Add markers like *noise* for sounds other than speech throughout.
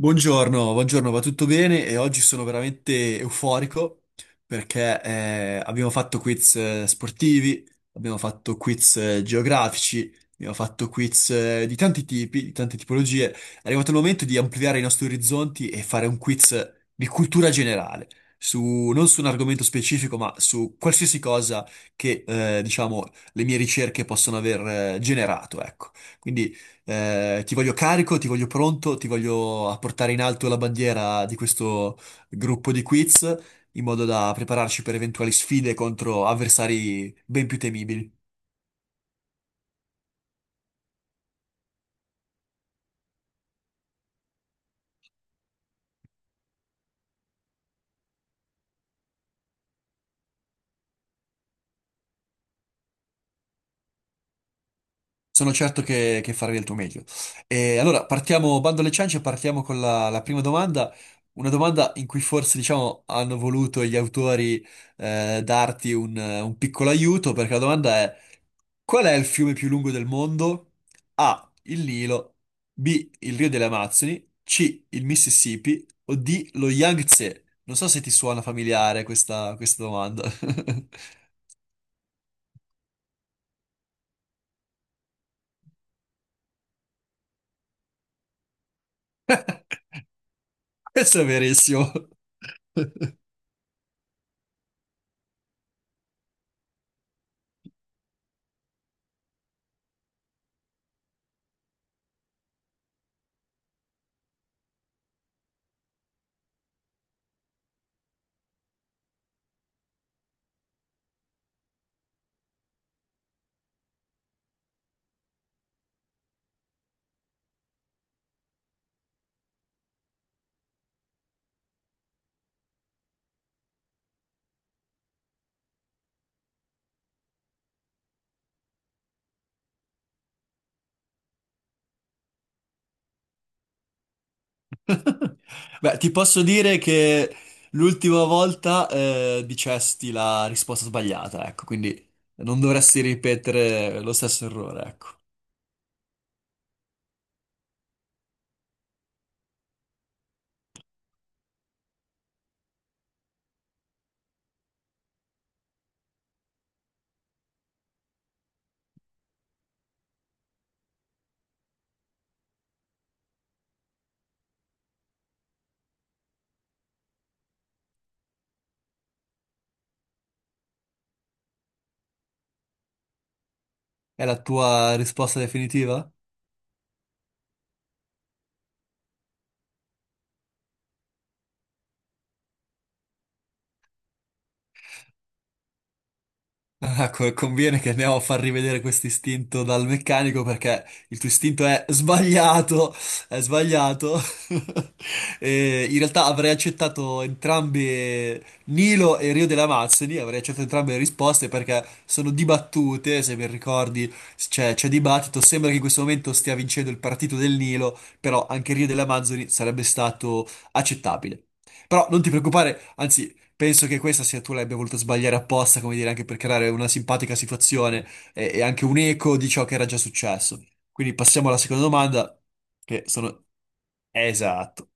Buongiorno, buongiorno, va tutto bene e oggi sono veramente euforico perché abbiamo fatto quiz sportivi, abbiamo fatto quiz geografici, abbiamo fatto quiz di tanti tipi, di tante tipologie. È arrivato il momento di ampliare i nostri orizzonti e fare un quiz di cultura generale, non su un argomento specifico, ma su qualsiasi cosa che, diciamo, le mie ricerche possono aver generato, ecco. Quindi ti voglio carico, ti voglio pronto, ti voglio a portare in alto la bandiera di questo gruppo di quiz in modo da prepararci per eventuali sfide contro avversari ben più temibili. Sono certo che farai del tuo meglio. E allora, partiamo, bando alle ciance, partiamo con la prima domanda. Una domanda in cui forse, diciamo, hanno voluto gli autori darti un piccolo aiuto, perché la domanda è: qual è il fiume più lungo del mondo? A. Il Nilo, B. Il Rio delle Amazzoni, C. Il Mississippi o D. Lo Yangtze? Non so se ti suona familiare questa domanda. *laughs* Questo è verissimo. *laughs* Beh, ti posso dire che l'ultima volta dicesti la risposta sbagliata, ecco, quindi non dovresti ripetere lo stesso errore, ecco. È la tua risposta definitiva? Ah, conviene che andiamo a far rivedere questo istinto dal meccanico perché il tuo istinto è sbagliato, è sbagliato. *laughs* E in realtà avrei accettato entrambe Nilo e Rio delle Amazzoni, avrei accettato entrambe le risposte perché sono dibattute, se ben ricordi c'è dibattito, sembra che in questo momento stia vincendo il partito del Nilo, però anche Rio delle Amazzoni sarebbe stato accettabile. Però non ti preoccupare, anzi penso che questa sia tu l'abbia voluta sbagliare apposta, come dire, anche per creare una simpatica situazione e anche un eco di ciò che era già successo. Quindi passiamo alla seconda domanda, che sono... Esatto,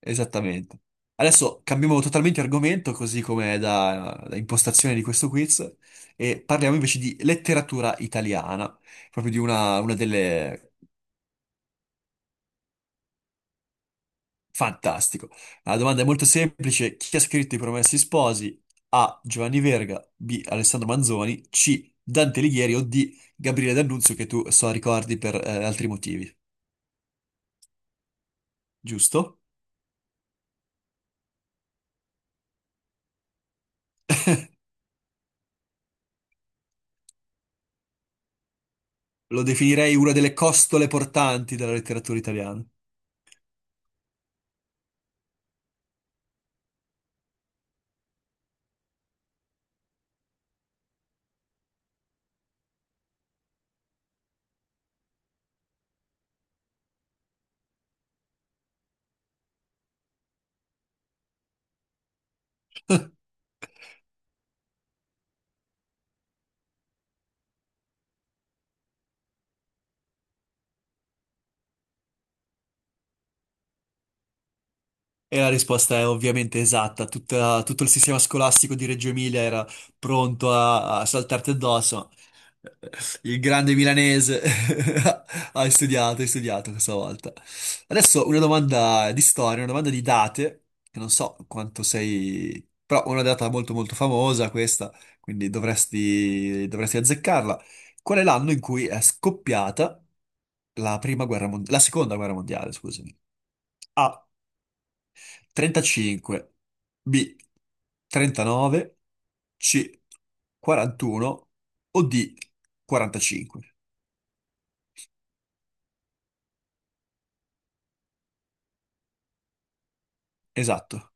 esattamente. Adesso cambiamo totalmente argomento, così come è da impostazione di questo quiz, e parliamo invece di letteratura italiana, proprio di una delle... Fantastico. La domanda è molto semplice. Chi ha scritto I Promessi Sposi? A. Giovanni Verga, B. Alessandro Manzoni, C. Dante Alighieri o D. Gabriele D'Annunzio, che tu so ricordi per altri motivi, giusto? Lo definirei una delle costole portanti della letteratura italiana. E la risposta è ovviamente esatta. Tutto il sistema scolastico di Reggio Emilia era pronto a saltarti addosso. Il grande milanese *laughs* hai studiato questa volta. Adesso una domanda di storia, una domanda di date, che non so quanto sei... però una data molto molto famosa questa, quindi dovresti, dovresti azzeccarla. Qual è l'anno in cui è scoppiata la prima guerra mondiale, la seconda guerra mondiale, scusami? A. 35, B, 39, C, 41 o D, 45. Esatto.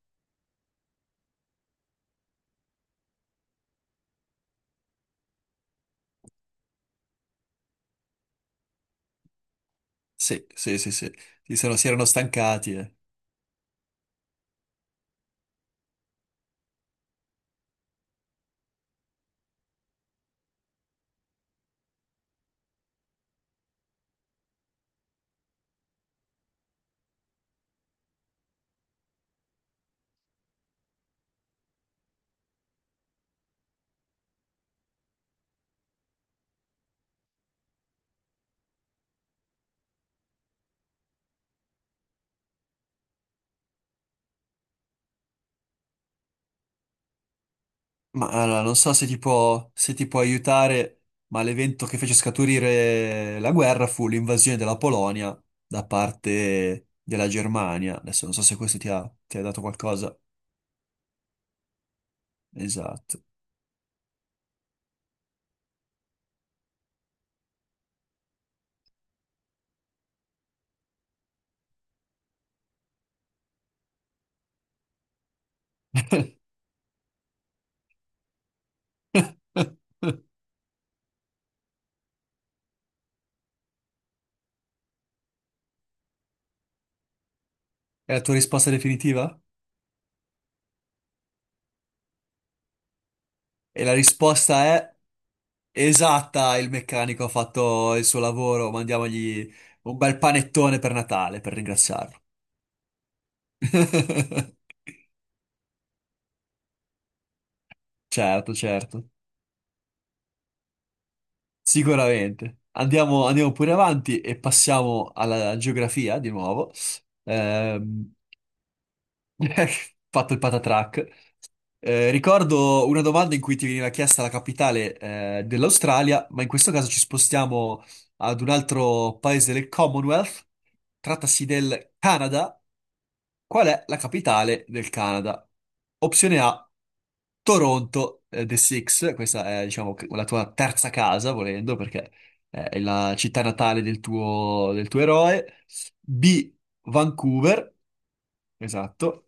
Sì, sì, sì, sì. Sì, se non si erano stancati, eh. Ma allora, non so se ti può, se ti può aiutare, ma l'evento che fece scaturire la guerra fu l'invasione della Polonia da parte della Germania. Adesso non so se questo ti ha dato qualcosa. Esatto. *laughs* È la tua risposta definitiva? E la risposta è... esatta, il meccanico ha fatto il suo lavoro, mandiamogli un bel panettone per Natale per ringraziarlo. *laughs* Certo, certo, sicuramente. Andiamo, andiamo pure avanti e passiamo alla geografia di nuovo. Ehm, *laughs* fatto il patatrack. Ricordo una domanda in cui ti veniva chiesta la capitale, dell'Australia, ma in questo caso ci spostiamo ad un altro paese del Commonwealth. Trattasi del Canada. Qual è la capitale del Canada? Opzione A, Toronto, The Six. Questa è, diciamo, la tua terza casa, volendo, perché è la città natale del tuo eroe. B, Vancouver. Esatto,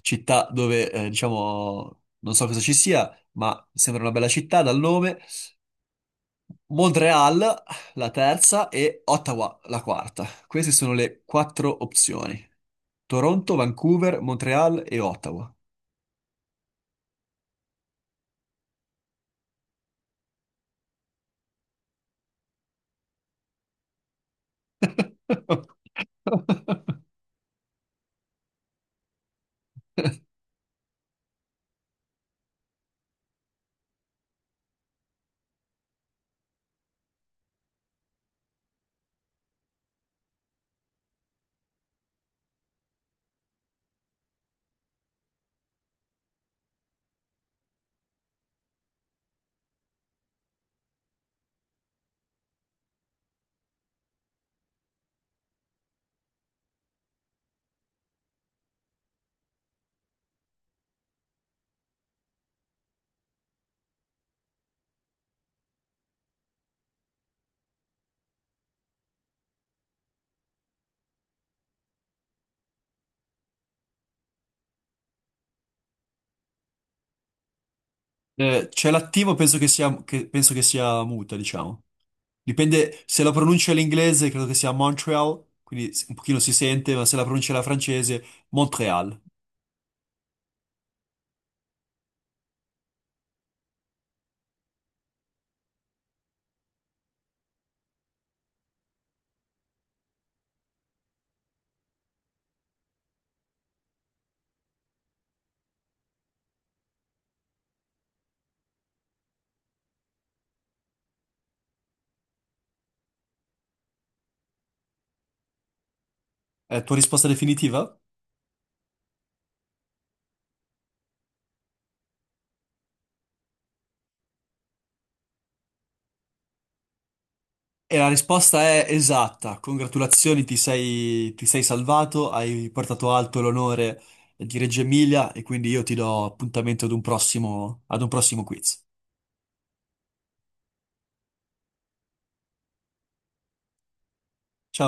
città dove, diciamo, non so cosa ci sia, ma sembra una bella città dal nome. Montreal, la terza, e Ottawa, la quarta. Queste sono le quattro opzioni. Toronto, Vancouver, Montreal e Ottawa. *laughs* C'è l'attivo, penso che sia, penso che sia muta, diciamo. Dipende se la pronuncia è l'inglese, credo che sia Montreal, quindi un pochino si sente, ma se la pronuncia è la francese, Montreal. È tua risposta definitiva? E la risposta è esatta. Congratulazioni, ti sei salvato, hai portato alto l'onore di Reggio Emilia e quindi io ti do appuntamento ad un prossimo quiz. Ciao.